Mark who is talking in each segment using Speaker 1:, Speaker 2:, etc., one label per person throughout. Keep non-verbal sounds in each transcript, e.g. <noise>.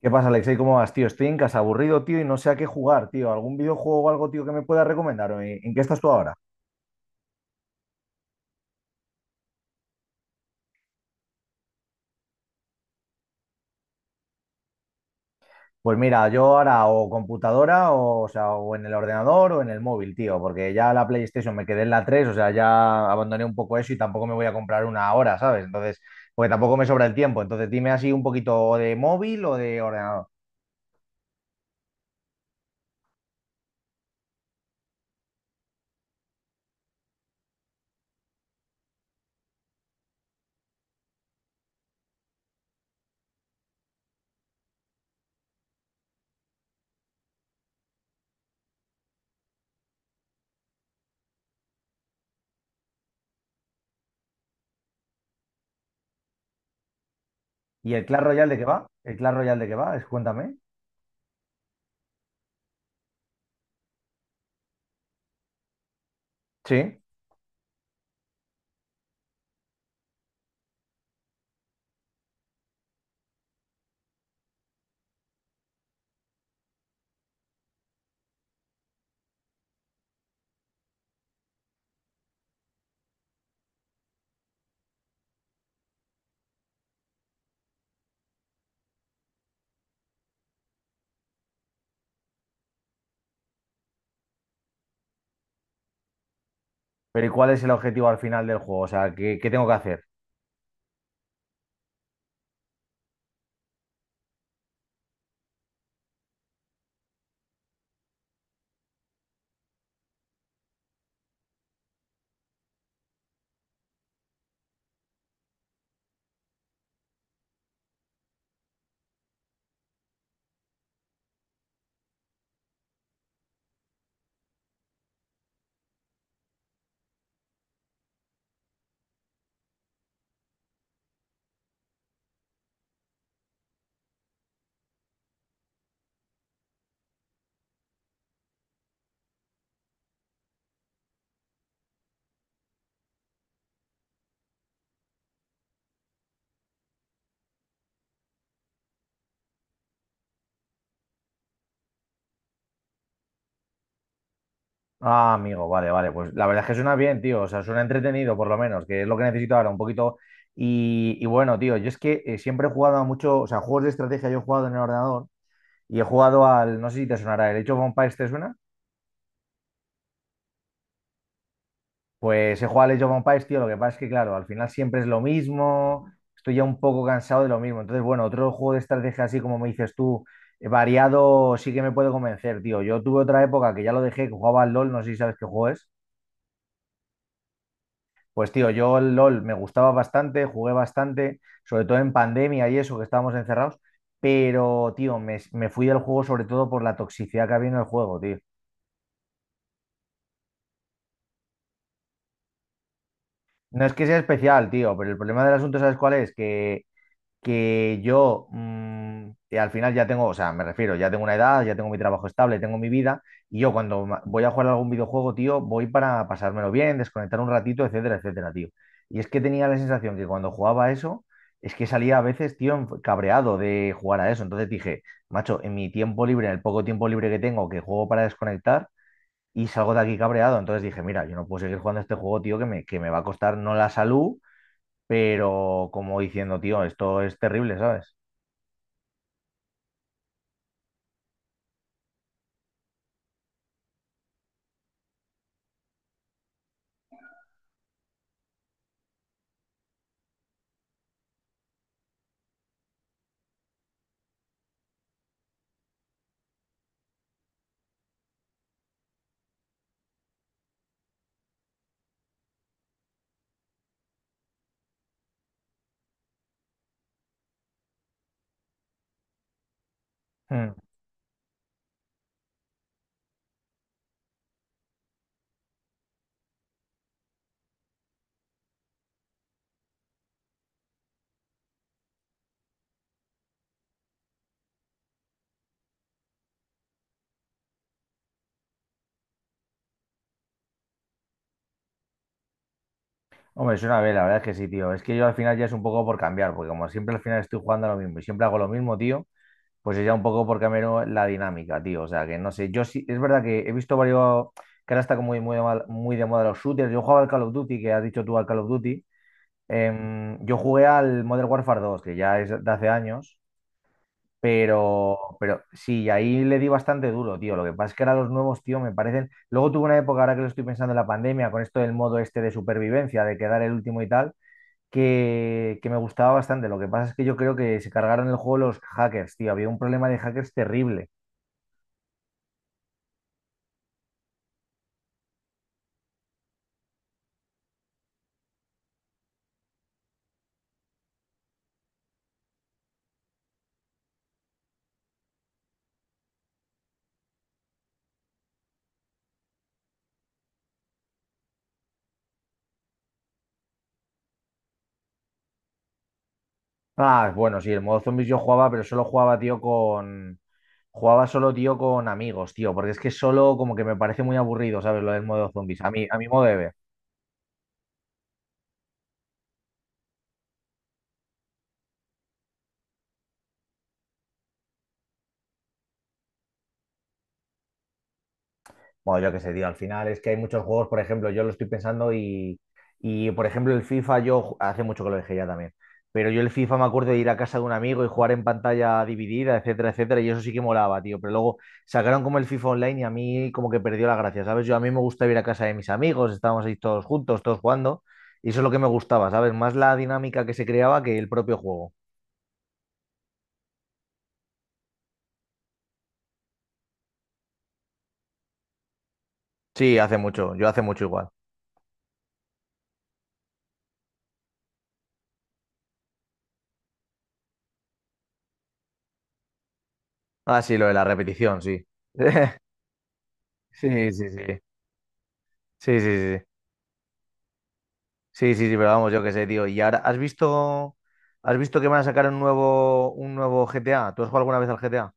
Speaker 1: ¿Qué pasa, Alexei? ¿Cómo vas, tío? Estoy en casa aburrido, tío, y no sé a qué jugar, tío. ¿Algún videojuego o algo, tío, que me puedas recomendar? ¿O ¿En qué estás tú ahora? Pues mira, yo ahora o computadora, o sea, o en el ordenador o en el móvil, tío, porque ya la PlayStation me quedé en la 3, o sea, ya abandoné un poco eso y tampoco me voy a comprar una ahora, ¿sabes? Entonces, porque tampoco me sobra el tiempo. Entonces, dime así un poquito de móvil o de ordenador. ¿Y el Clash Royale de qué va? ¿El Clash Royale de qué va? Es- Cuéntame. Sí. Pero ¿y cuál es el objetivo al final del juego? O sea, ¿qué, qué tengo que hacer? Ah, amigo, vale, vale. Pues la verdad es que suena bien, tío. O sea, suena entretenido, por lo menos, que es lo que necesito ahora, un poquito. Y bueno, tío, yo es que siempre he jugado a mucho, o sea, juegos de estrategia yo he jugado en el ordenador y he jugado al, no sé si te sonará, el Age of Empires, ¿te suena? Pues he jugado al Age of Empires, tío. Lo que pasa es que, claro, al final siempre es lo mismo. Estoy ya un poco cansado de lo mismo. Entonces, bueno, otro juego de estrategia así como me dices tú, variado, sí que me puede convencer, tío. Yo tuve otra época que ya lo dejé, que jugaba al LOL, no sé si sabes qué juego es. Pues tío, yo el LOL me gustaba bastante, jugué bastante, sobre todo en pandemia y eso, que estábamos encerrados, pero tío, me fui del juego sobre todo por la toxicidad que había en el juego, tío. No es que sea especial, tío, pero el problema del asunto, ¿sabes cuál es? Que yo que al final ya tengo, o sea, me refiero, ya tengo una edad, ya tengo mi trabajo estable, tengo mi vida, y yo cuando ma- voy a jugar a algún videojuego, tío, voy para pasármelo bien, desconectar un ratito, etcétera, etcétera, tío. Y es que tenía la sensación que cuando jugaba a eso, es que salía a veces, tío, enf- cabreado de jugar a eso. Entonces dije, macho, en mi tiempo libre, en el poco tiempo libre que tengo, que juego para desconectar, y salgo de aquí cabreado. Entonces dije, mira, yo no puedo seguir jugando a este juego, tío, que me va a costar no la salud pero como diciendo, tío, esto es terrible, ¿sabes? Mm. Hombre, es una vez, la verdad es que sí, tío. Es que yo al final ya es un poco por cambiar, porque como siempre al final estoy jugando a lo mismo y siempre hago lo mismo, tío, pues es ya un poco por cambiar la dinámica, tío. O sea, que no sé, yo sí, es verdad que he visto varios, que ahora está como de mal- muy de moda los shooters. Yo jugaba al Call of Duty, que has dicho tú al Call of Duty. Yo jugué al Modern Warfare 2 que ya es de hace años. Pero sí, ahí le di bastante duro, tío. Lo que pasa es que ahora los nuevos, tío, me parecen. Luego tuve una época, ahora que lo estoy pensando en la pandemia, con esto del modo este de supervivencia, de quedar el último y tal, que me gustaba bastante. Lo que pasa es que yo creo que se cargaron el juego los hackers, tío. Había un problema de hackers terrible. Ah, bueno, sí, el modo zombies yo jugaba, pero solo jugaba, tío, con. Jugaba solo, tío, con amigos, tío, porque es que solo como que me parece muy aburrido, ¿sabes? Lo del modo zombies, a mí, a mi modo de ver. Bueno, yo qué sé, tío, al final es que hay muchos juegos, por ejemplo, yo lo estoy pensando y por ejemplo, el FIFA, yo ju- hace mucho que lo dejé ya también, pero yo el FIFA me acuerdo de ir a casa de un amigo y jugar en pantalla dividida, etcétera, etcétera, y eso sí que molaba, tío, pero luego sacaron como el FIFA Online y a mí como que perdió la gracia, ¿sabes? Yo a mí me gusta ir a casa de mis amigos, estábamos ahí todos juntos, todos jugando, y eso es lo que me gustaba, ¿sabes? Más la dinámica que se creaba que el propio juego. Sí, hace mucho, yo hace mucho igual. Ah, sí, lo de la repetición, sí. <laughs> Sí, sí, sí. Sí, sí, sí. Sí, sí, sí, pero vamos, yo qué sé, tío. Y ahora, ¿has visto que van a sacar un nuevo GTA? ¿Tú has jugado alguna vez al GTA?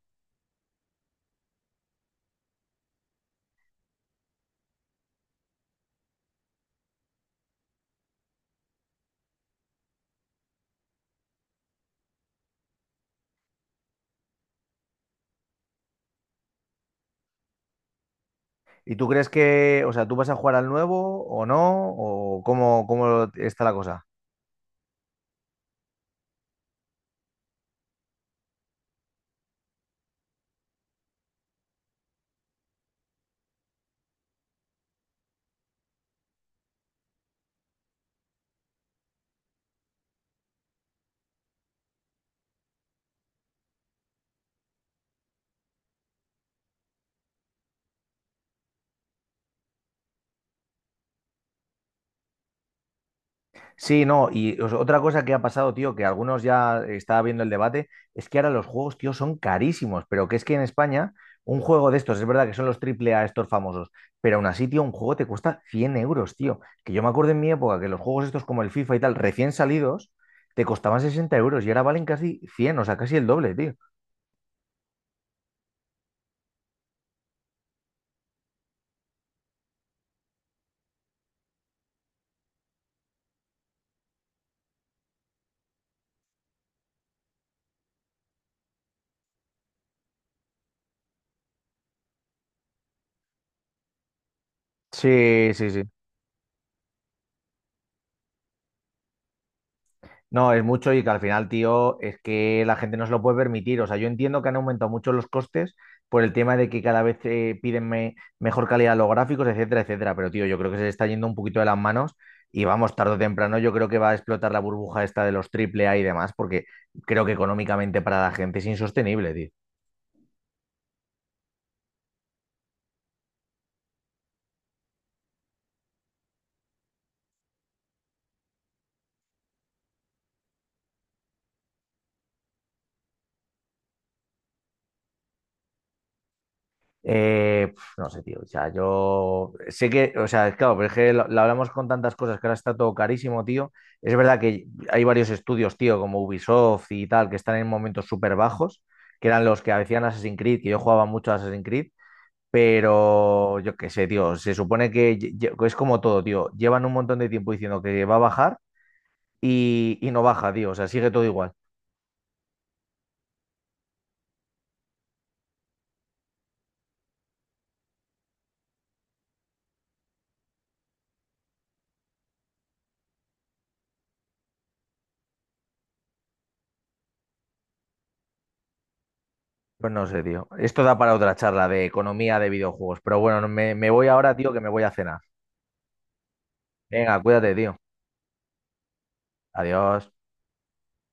Speaker 1: ¿Y tú crees que, o sea, tú vas a jugar al nuevo o no? ¿O cómo, cómo está la cosa? Sí, no, y os- otra cosa que ha pasado, tío, que algunos ya estaba viendo el debate, es que ahora los juegos, tío, son carísimos, pero que es que en España un juego de estos, es verdad que son los triple A estos famosos, pero aún así, tío, un juego te cuesta 100 euros, tío. Que yo me acuerdo en mi época que los juegos estos como el FIFA y tal, recién salidos, te costaban 60 euros y ahora valen casi 100, o sea, casi el doble, tío. Sí, sí, sí. No, es mucho y que al final, tío, es que la gente no se lo puede permitir. O sea, yo entiendo que han aumentado mucho los costes por el tema de que cada vez piden me- mejor calidad a los gráficos, etcétera, etcétera. Pero, tío, yo creo que se le está yendo un poquito de las manos y vamos, tarde o temprano, yo creo que va a explotar la burbuja esta de los triple A y demás, porque creo que económicamente para la gente es insostenible, tío. No sé, tío. O sea, yo sé que, o sea, claro, pero es que lo hablamos con tantas cosas que ahora está todo carísimo, tío. Es verdad que hay varios estudios, tío, como Ubisoft y tal, que están en momentos súper bajos, que eran los que hacían Assassin's Creed, que yo jugaba mucho a Assassin's Creed, pero yo qué sé, tío. Se supone que lle- lle- es como todo, tío. Llevan un montón de tiempo diciendo que va a bajar y no baja, tío. O sea, sigue todo igual. Pues no sé, tío. Esto da para otra charla de economía de videojuegos, pero bueno, no- me voy ahora, tío, que me voy a cenar. Venga, cuídate, tío. Adiós.